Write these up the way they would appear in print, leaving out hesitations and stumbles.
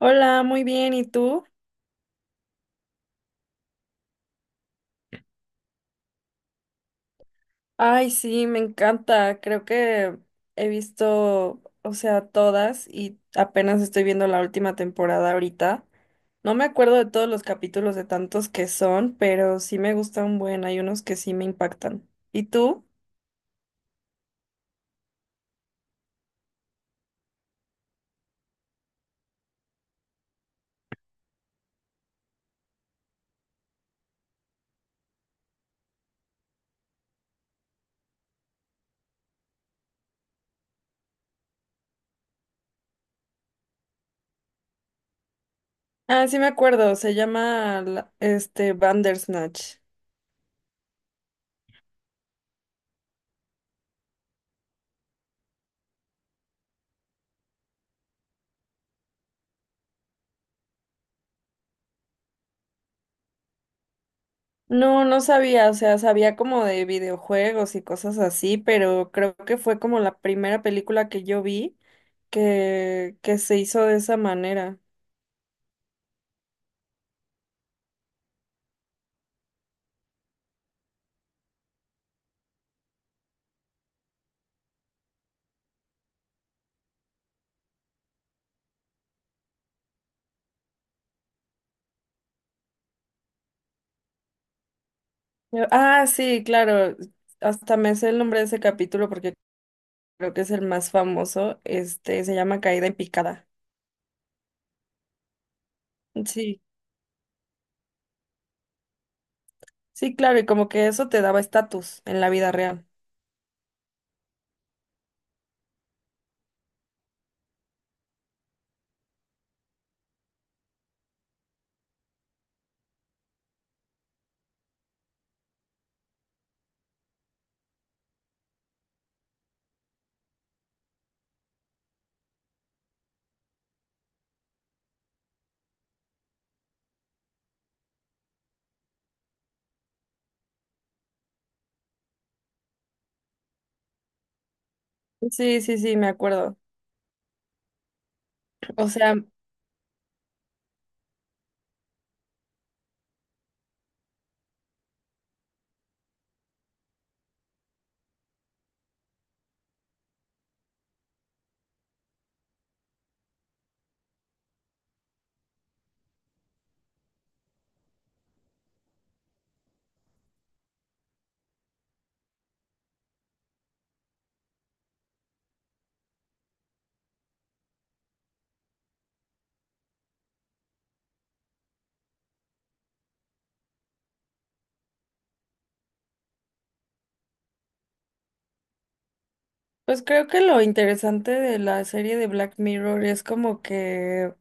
Hola, muy bien, ¿y tú? Ay, sí, me encanta. Creo que he visto, o sea, todas y apenas estoy viendo la última temporada ahorita. No me acuerdo de todos los capítulos de tantos que son, pero sí me gustan hay unos que sí me impactan. ¿Y tú? Ah, sí me acuerdo, se llama Bandersnatch. No, no sabía, o sea, sabía como de videojuegos y cosas así, pero creo que fue como la primera película que yo vi que se hizo de esa manera. Ah, sí, claro, hasta me sé el nombre de ese capítulo porque creo que es el más famoso, se llama Caída en picada. Sí, sí, claro, y como que eso te daba estatus en la vida real. Sí, sí, sí, me acuerdo. O sea, pues creo que lo interesante de la serie de Black Mirror es como que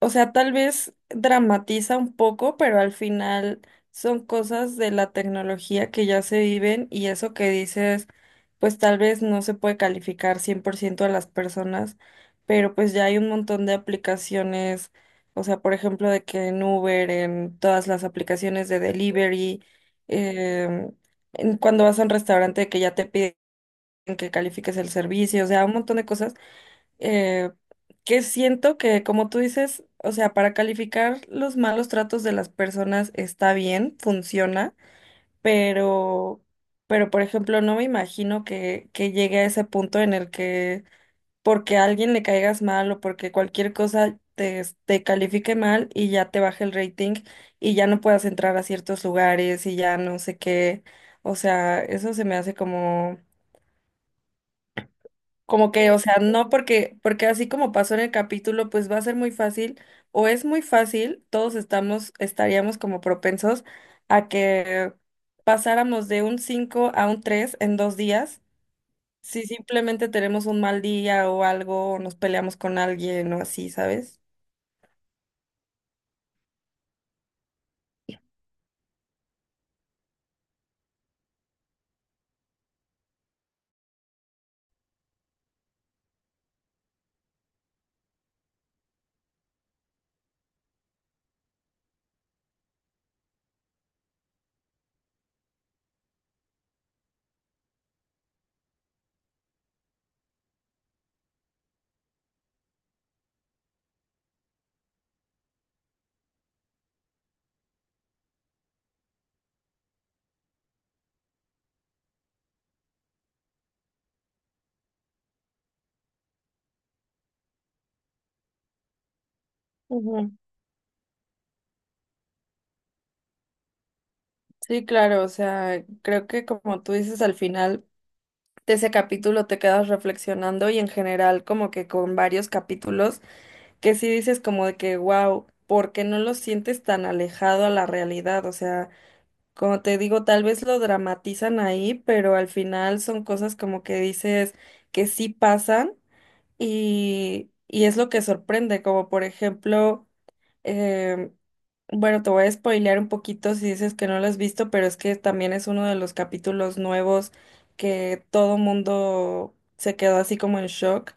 o sea, tal vez dramatiza un poco, pero al final son cosas de la tecnología que ya se viven y eso que dices, pues tal vez no se puede calificar 100% a las personas, pero pues ya hay un montón de aplicaciones, o sea, por ejemplo, de que en Uber, en todas las aplicaciones de delivery. em, en cuando vas a un restaurante que ya te piden que califiques el servicio, o sea, un montón de cosas eh, que siento que, como tú dices, o sea, para calificar los malos tratos de las personas está bien, funciona. Pero, pero por ejemplo, no me imagino que llegue a ese punto en el que porque a alguien le caigas mal o porque cualquier cosa te califique mal y ya te baje el rating y ya no puedas entrar a ciertos lugares y ya no sé qué. O sea, eso se me hace como que, o sea, no porque así como pasó en el capítulo, pues va a ser muy fácil, o es muy fácil, todos estaríamos como propensos a que pasáramos de un 5 a un 3 en 2 días, si simplemente tenemos un mal día o algo, o nos peleamos con alguien o así, ¿sabes? Ujú. Sí, claro, o sea, creo que como tú dices al final de ese capítulo te quedas reflexionando y en general como que con varios capítulos que sí dices como de que, wow, ¿porque no lo sientes tan alejado a la realidad? O sea, como te digo, tal vez lo dramatizan ahí, pero al final son cosas como que dices que sí pasan, y es lo que sorprende, como por ejemplo. em, bueno, te voy a spoilear un poquito si dices que no lo has visto, pero es que también es uno de los capítulos nuevos que todo mundo se quedó así como en shock,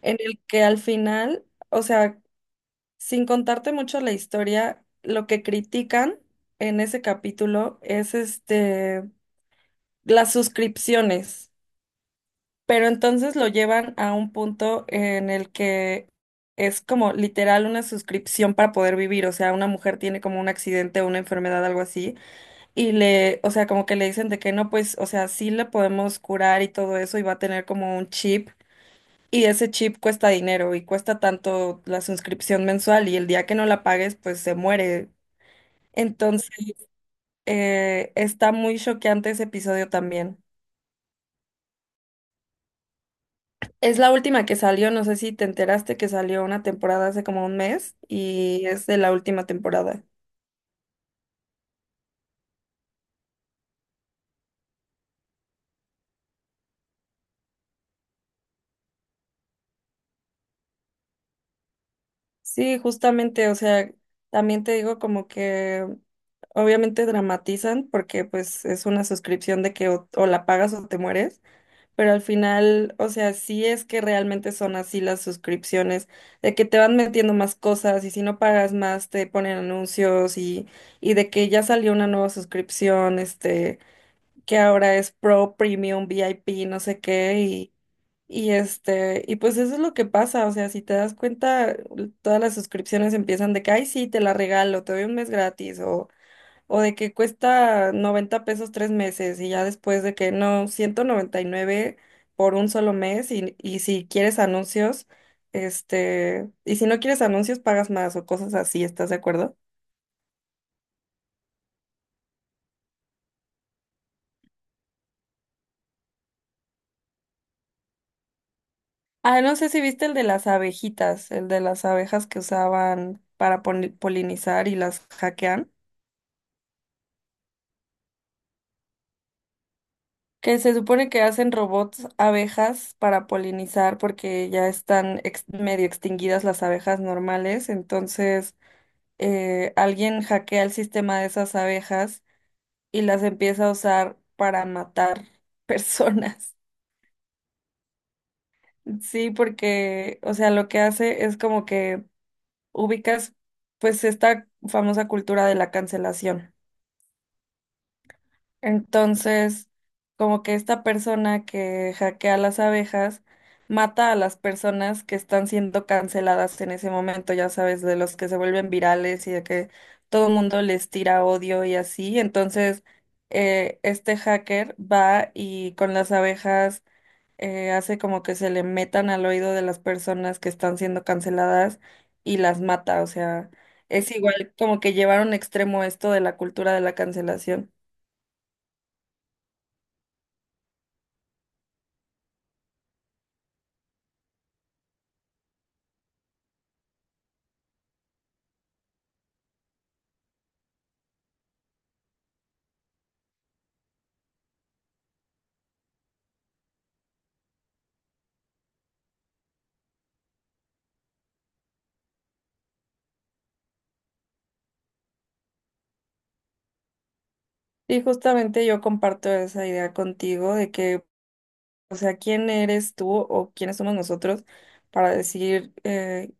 en el que al final, o sea, sin contarte mucho la historia, lo que critican en ese capítulo es las suscripciones, pero entonces lo llevan a un punto en el que es como literal una suscripción para poder vivir. O sea, una mujer tiene como un accidente o una enfermedad, algo así, y o sea, como que le dicen de que no, pues, o sea, sí le podemos curar y todo eso y va a tener como un chip. Y ese chip cuesta dinero y cuesta tanto la suscripción mensual y el día que no la pagues, pues se muere. Entonces, está muy choqueante ese episodio también. Es la última que salió, no sé si te enteraste que salió una temporada hace como un mes y es de la última temporada. Sí, justamente, o sea, también te digo como que obviamente dramatizan porque pues es una suscripción de que o la pagas o te mueres. Pero al final, o sea, sí es que realmente son así las suscripciones, de que te van metiendo más cosas y si no pagas más te ponen anuncios, y de que ya salió una nueva suscripción, que ahora es Pro, Premium, VIP, no sé qué, y pues eso es lo que pasa, o sea, si te das cuenta, todas las suscripciones empiezan de que, ay, sí, te la regalo, te doy un mes gratis, o de que cuesta 90 pesos 3 meses y ya después de que no, 199 por un solo mes y si quieres anuncios, y si no quieres anuncios pagas más o cosas así, ¿estás de acuerdo? Ah, no sé si viste el de las abejitas, el de las abejas que usaban para polinizar y las hackean, que se supone que hacen robots abejas para polinizar porque ya están medio extinguidas las abejas normales. Entonces, alguien hackea el sistema de esas abejas y las empieza a usar para matar personas. Sí, porque, o sea, lo que hace es como que ubicas pues esta famosa cultura de la cancelación. Entonces, como que esta persona que hackea las abejas mata a las personas que están siendo canceladas en ese momento, ya sabes, de los que se vuelven virales y de que todo el mundo les tira odio y así. Entonces, este hacker va y con las abejas hace como que se le metan al oído de las personas que están siendo canceladas y las mata. O sea, es igual como que llevar a un extremo esto de la cultura de la cancelación. Y justamente yo comparto esa idea contigo de que, o sea, ¿quién eres tú o quiénes somos nosotros para decir eh,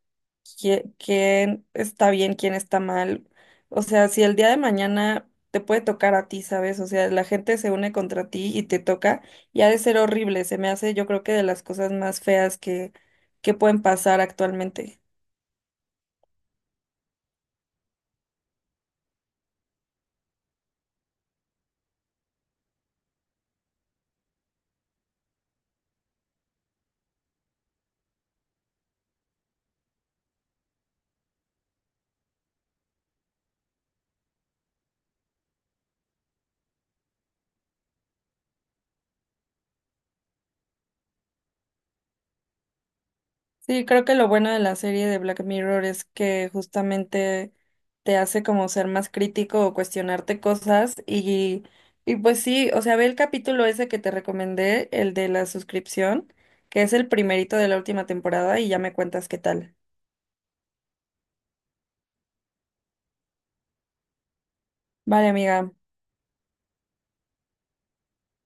qui- quién está bien, quién está mal? O sea, si el día de mañana te puede tocar a ti, ¿sabes? O sea, la gente se une contra ti y te toca y ha de ser horrible. Se me hace, yo creo que de las cosas más feas que pueden pasar actualmente. Sí, creo que lo bueno de la serie de Black Mirror es que justamente te hace como ser más crítico o cuestionarte cosas, y pues sí, o sea, ve el capítulo ese que te recomendé, el de la suscripción, que es el primerito de la última temporada y ya me cuentas qué tal. Vale, amiga.